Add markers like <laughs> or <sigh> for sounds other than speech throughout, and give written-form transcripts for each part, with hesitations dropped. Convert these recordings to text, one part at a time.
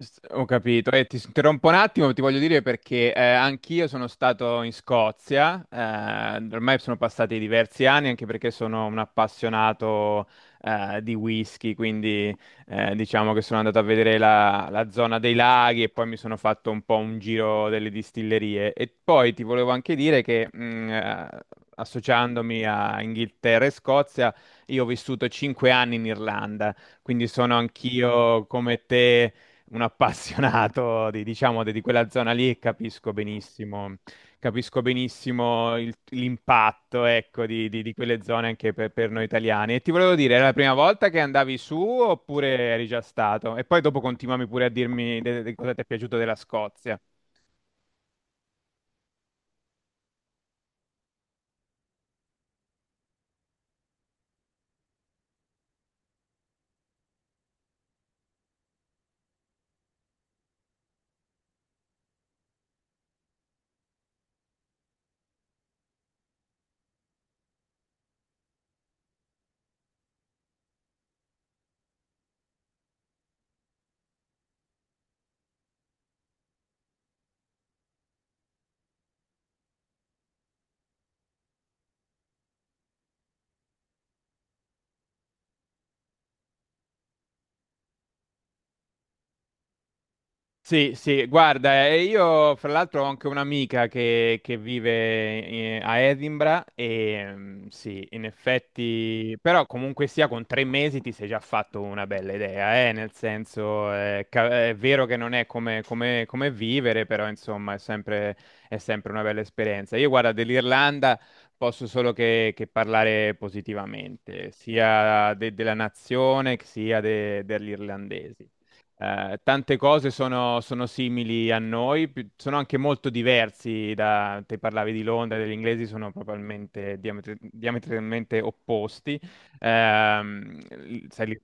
Ho capito. E ti interrompo un attimo, ti voglio dire perché anch'io sono stato in Scozia, ormai sono passati diversi anni, anche perché sono un appassionato di whisky, quindi diciamo che sono andato a vedere la zona dei laghi e poi mi sono fatto un po' un giro delle distillerie. E poi ti volevo anche dire che associandomi a Inghilterra e Scozia, io ho vissuto 5 anni in Irlanda, quindi sono anch'io come te un appassionato di, diciamo, di quella zona lì e capisco benissimo l'impatto, ecco, di, di quelle zone anche per noi italiani. E ti volevo dire, era la prima volta che andavi su oppure eri già stato? E poi dopo continuami pure a dirmi cosa ti è piaciuto della Scozia. Sì, sì, guarda, io fra l'altro ho anche un'amica che vive a Edinburgh e mm, sì, in effetti, però comunque sia con 3 mesi ti sei già fatto una bella idea, nel senso è vero che non è come, come vivere, però insomma è sempre una bella esperienza. Io guarda, dell'Irlanda posso solo che parlare positivamente, sia della nazione che sia degli irlandesi tante cose sono, sono simili a noi, sono anche molto diversi da... Te parlavi di Londra, degli inglesi sono probabilmente diametralmente opposti. Ehm, sai,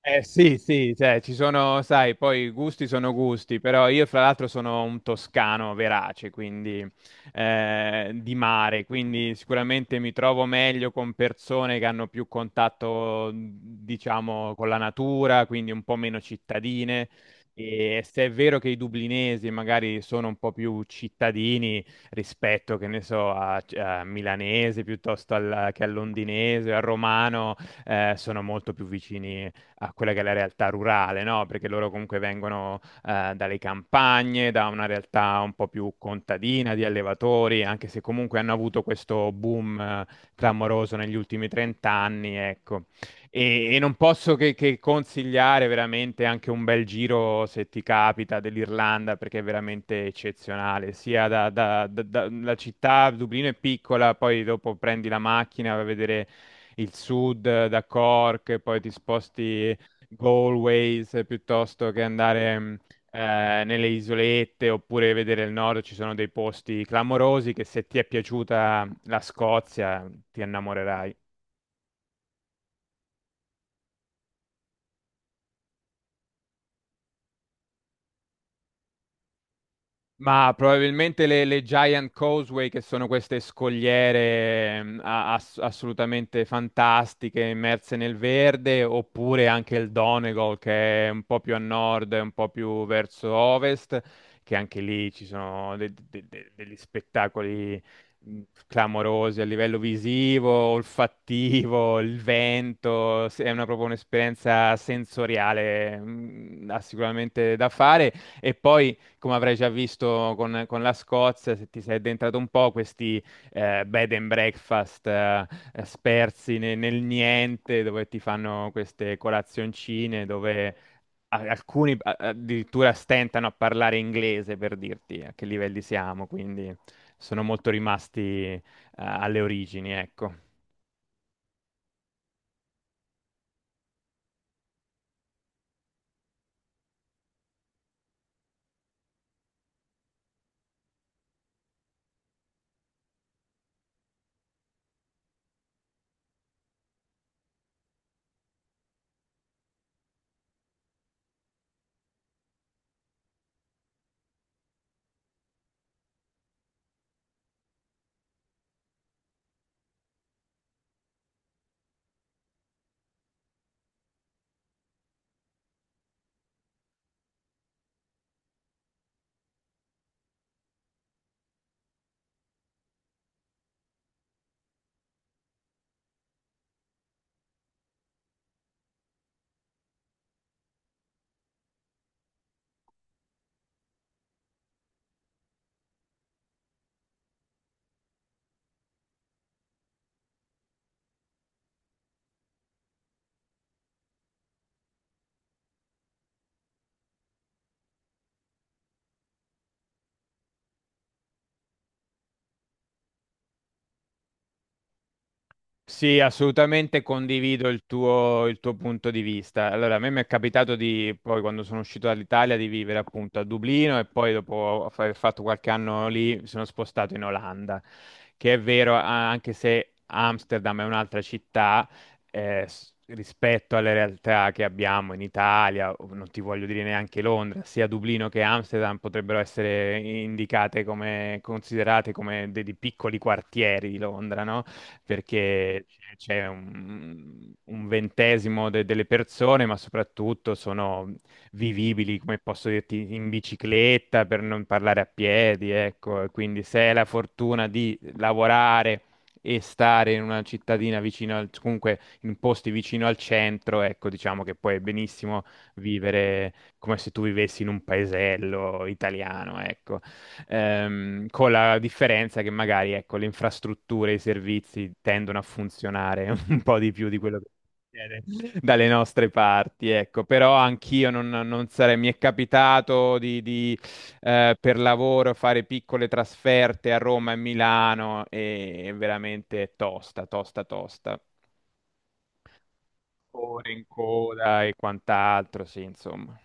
eh sì, sì, cioè ci sono, sai, poi i gusti sono gusti, però io fra l'altro sono un toscano verace, quindi di mare, quindi sicuramente mi trovo meglio con persone che hanno più contatto, diciamo, con la natura, quindi un po' meno cittadine. E se è vero che i dublinesi magari sono un po' più cittadini rispetto, che ne so, a milanese piuttosto che al londinese, al romano, sono molto più vicini a quella che è la realtà rurale, no? Perché loro comunque vengono dalle campagne, da una realtà un po' più contadina di allevatori, anche se comunque hanno avuto questo boom clamoroso negli ultimi 30 anni, ecco. E non posso che consigliare veramente anche un bel giro, se ti capita, dell'Irlanda, perché è veramente eccezionale. Sia da, la città, Dublino è piccola, poi dopo prendi la macchina a vedere il sud da Cork, e poi ti sposti Galway se piuttosto che andare... nelle isolette oppure vedere il nord ci sono dei posti clamorosi che se ti è piaciuta la Scozia ti innamorerai. Ma probabilmente le Giant Causeway, che sono queste scogliere mm, assolutamente fantastiche, immerse nel verde, oppure anche il Donegal, che è un po' più a nord, un po' più verso ovest, che anche lì ci sono degli spettacoli mm, clamorosi a livello visivo, olfattivo, il vento, è una, proprio un'esperienza sensoriale, sicuramente da fare. E poi come avrai già visto con la Scozia, se ti sei addentrato un po', questi bed and breakfast spersi nel niente, dove ti fanno queste colazioncine, dove alcuni addirittura stentano a parlare inglese per dirti a che livelli siamo, quindi sono molto rimasti eh, alle origini, ecco. Sì, assolutamente condivido il tuo punto di vista. Allora, a me mi è capitato di, poi quando sono uscito dall'Italia, di vivere appunto a Dublino e poi dopo aver fatto qualche anno lì mi sono spostato in Olanda, che è vero, anche se Amsterdam è un'altra città, rispetto alle realtà che abbiamo in Italia, o non ti voglio dire neanche Londra, sia Dublino che Amsterdam potrebbero essere indicate come, considerate come dei piccoli quartieri di Londra, no? Perché c'è un ventesimo delle persone, ma soprattutto sono vivibili, come posso dirti, in bicicletta, per non parlare a piedi, ecco. E quindi se hai la fortuna di lavorare e stare in una cittadina vicino al, comunque in posti vicino al centro, ecco, diciamo che puoi benissimo vivere come se tu vivessi in un paesello italiano, ecco. Con la differenza che magari, ecco, le infrastrutture e i servizi tendono a funzionare <laughs> un po' di più di quello che succede dalle nostre parti, ecco. Però anch'io non, non sarei, mi è capitato di, per lavoro fare piccole trasferte a Roma e Milano e è veramente tosta, tosta, tosta. Ore in coda e quant'altro, sì, insomma.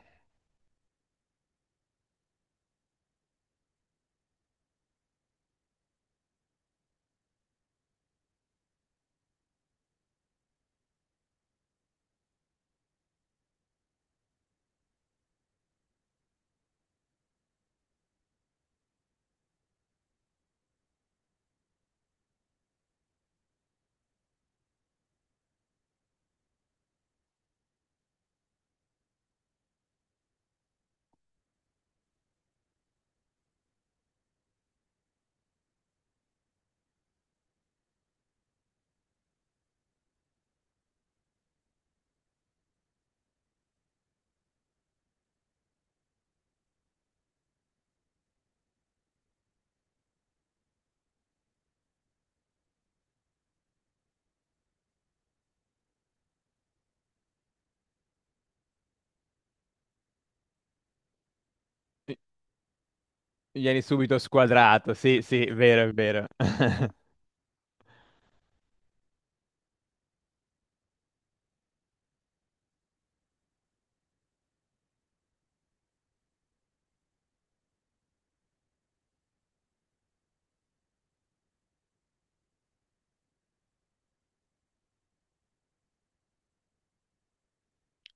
Vieni subito squadrato, sì, sì, vero, è vero. <laughs>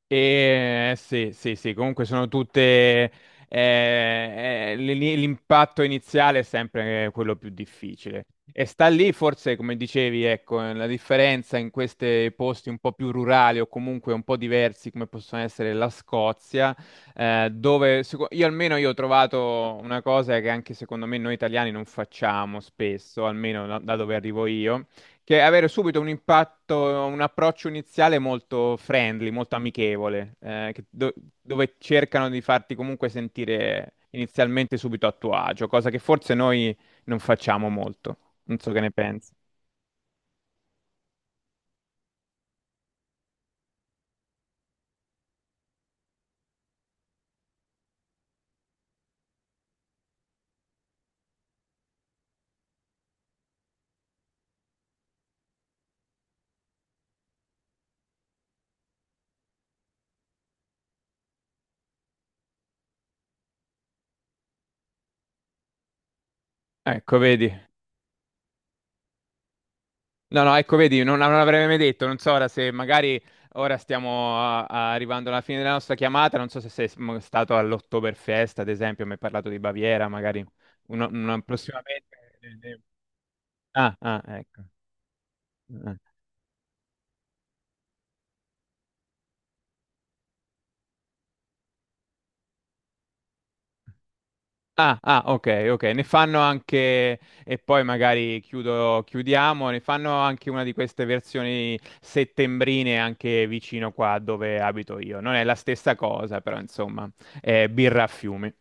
Sì, sì, sì, comunque sono tutte... l'impatto iniziale è sempre quello più difficile. E sta lì forse, come dicevi, ecco, la differenza in questi posti un po' più rurali o comunque un po' diversi, come possono essere la Scozia, dove seco- io almeno io ho trovato una cosa che anche secondo me noi italiani non facciamo spesso, almeno da dove arrivo io, che avere subito un impatto, un approccio iniziale molto friendly, molto amichevole, dove cercano di farti comunque sentire inizialmente subito a tuo agio, cosa che forse noi non facciamo molto. Non so che ne pensi. Ecco, vedi. No, no, ecco, vedi, non, non l'avrei mai detto, non so ora se magari ora stiamo arrivando alla fine della nostra chiamata, non so se sei stato all'Oktoberfest, ad esempio, mi hai parlato di Baviera, magari una prossimamente... Ah, ah, ecco. Ah. Ah, ah, ok, ok, ne fanno anche, e poi magari chiudo, chiudiamo, ne fanno anche una di queste versioni settembrine anche vicino qua dove abito io. Non è la stessa cosa, però insomma, è birra a fiumi.